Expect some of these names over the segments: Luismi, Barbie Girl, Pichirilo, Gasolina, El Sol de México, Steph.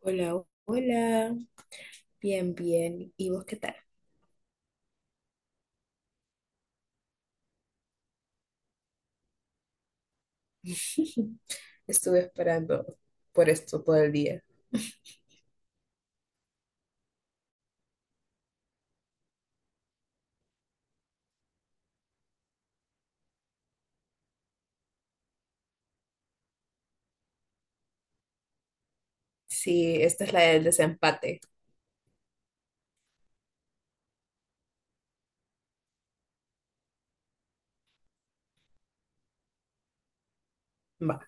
Hola, hola, bien, bien. ¿Y vos qué tal? Estuve esperando por esto todo el día. Sí, esta es la del desempate. Va.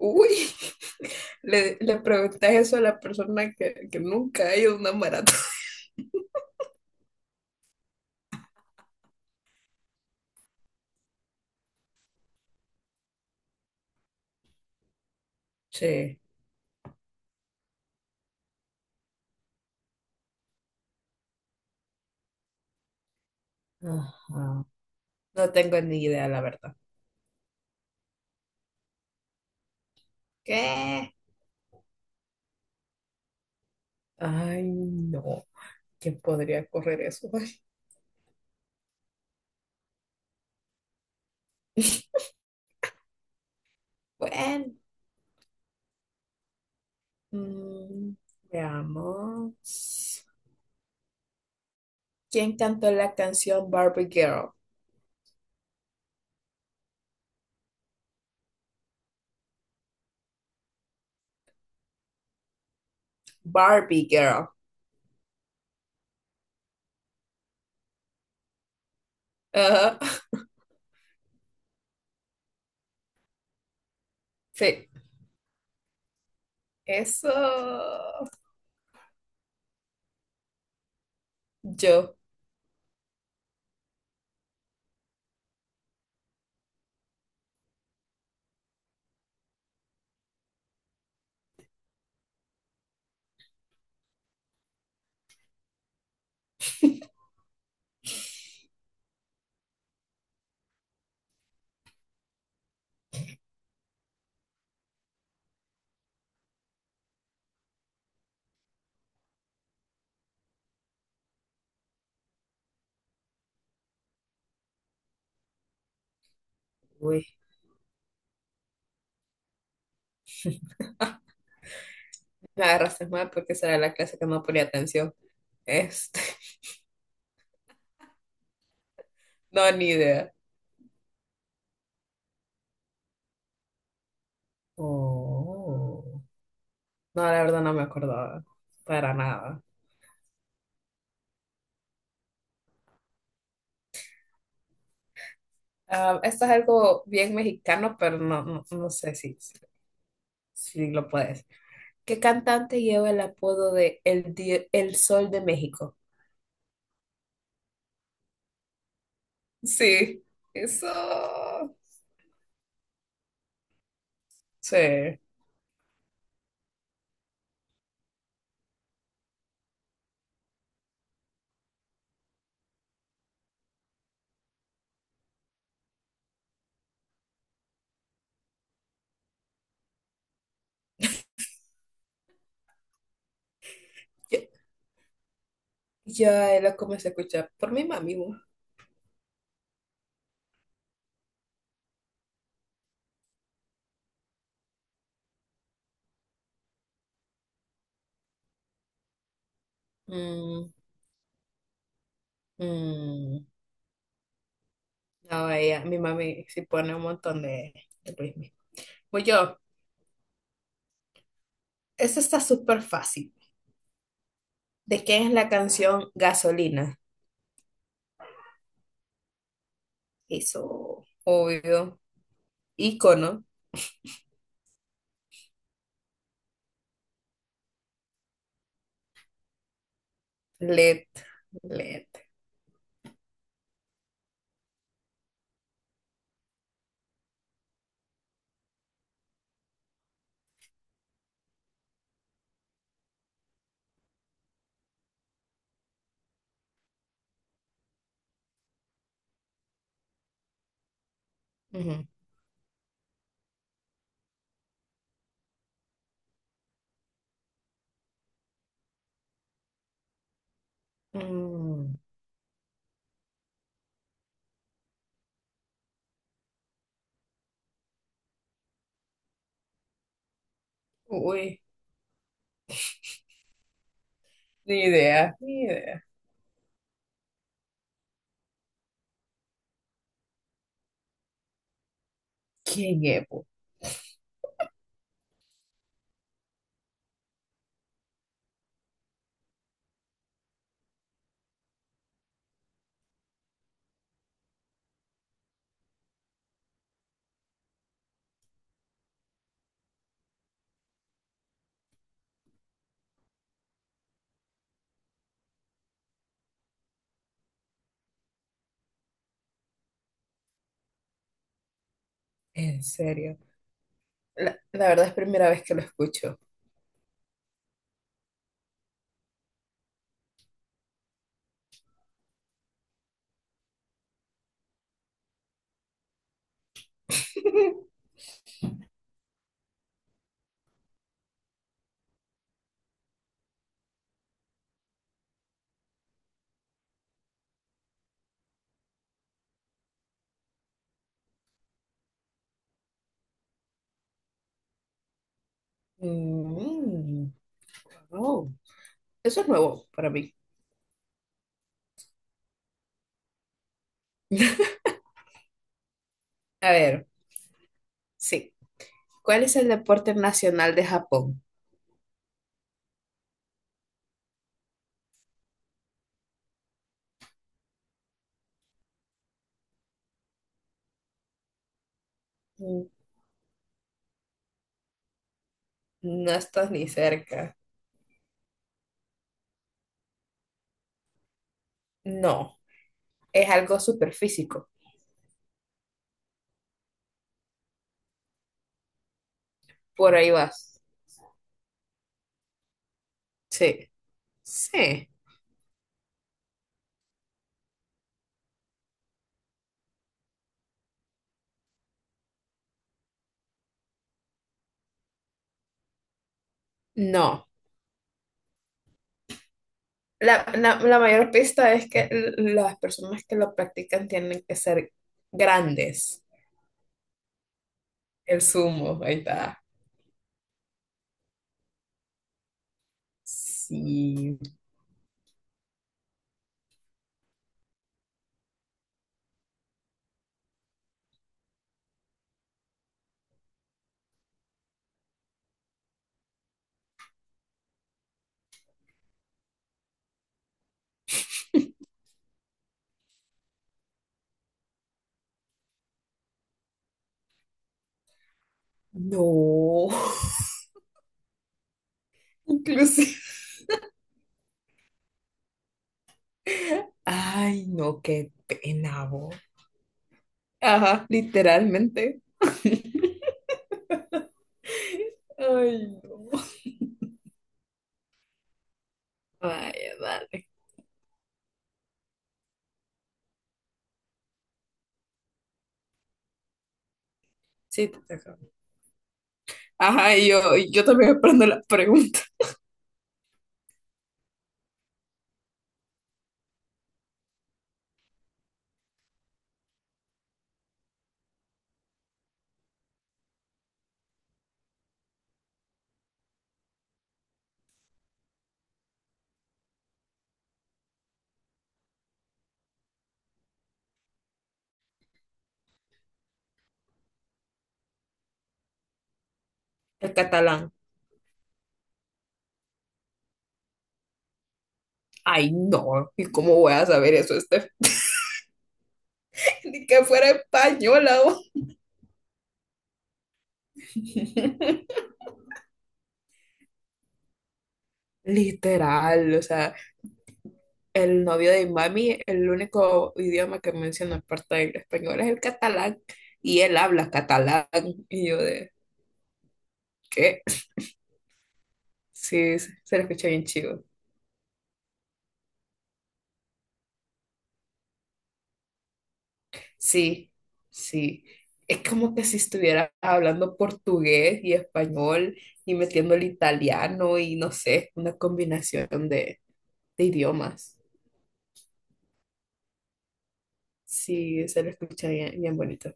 Uy, le preguntas eso a la persona que nunca ha ido a una maratón. Sí. Ajá. No tengo ni idea, la verdad. ¿Qué? Ay, no. ¿Quién podría correr eso? Ay, bueno. Mm, veamos. ¿Quién cantó la canción Barbie Girl? Barbie Girl. Ajá. Sí, eso yo. Uy, me agarraste mal porque esa era la clase que no ponía atención. Este, no, ni idea. Oh. No, la verdad no me acordaba para nada. Ah, esto es algo bien mexicano, pero no, no, no sé si lo puedes. ¿Qué cantante lleva el apodo de el Sol de México? Sí, eso. Sí. Ya, ya la comencé a escuchar por mi mami, bu. Mm, mm. No, ella, mi mami sí pone un montón de Luismi. Pues yo, eso está súper fácil. ¿De quién es la canción Gasolina? Eso, obvio. Ícono. LED. LED. Ujú. Mm, uy, ni idea, ni idea. ¿Quién es, bu? En serio. La verdad es primera vez que lo escucho. Mm, oh, eso es nuevo para mí. A ver, sí. ¿Cuál es el deporte nacional de Japón? Mm, No estás ni cerca. No, es algo súper físico. Por ahí vas. Sí, sí. No. La mayor pista es que las personas que lo practican tienen que ser grandes. El sumo, ahí está. Sí. No. Inclusive. Ay, no, qué pena, vos. Ajá, literalmente. Ay, no. Vaya, dale. Sí, te toca. Ajá, y yo también aprendo la pregunta. El catalán. Ay, no. ¿Y cómo voy a saber eso? Ni que fuera española, vos. Literal, o sea, el novio de mami, el único idioma que menciona aparte del español es el catalán y él habla catalán y yo de, ¿qué? Sí, se lo escucha bien chido. Sí, sí. Es como que si estuviera hablando portugués y español y metiendo el italiano y no sé, una combinación de idiomas. Sí, se lo escucha bien, bien bonito.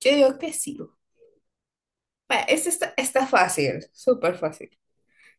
Yo digo que sí. Bueno, este está fácil, súper fácil.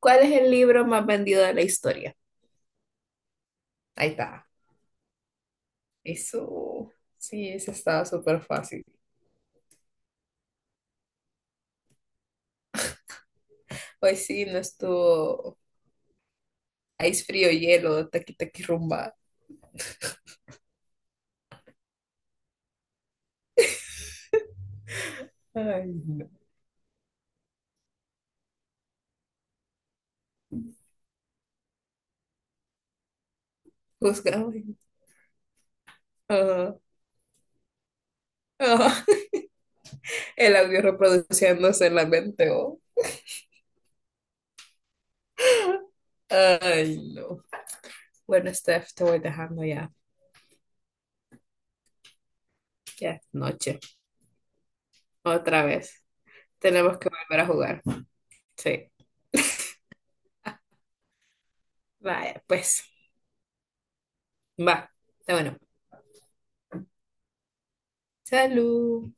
¿Cuál es el libro más vendido de la historia? Ahí está. Eso, sí, eso estaba súper fácil. Hoy sí, no estuvo ice frío, hielo, taqui taqui rumba. Ay, no. Juzgado. Ah, ah, el audio reproduciéndose en la mente, oh. Ay, no. Bueno, Steph, te voy dejando ya. Ya es noche. Otra vez. Tenemos que volver a jugar. Sí. Vaya, pues. Va. Está bueno. Salud.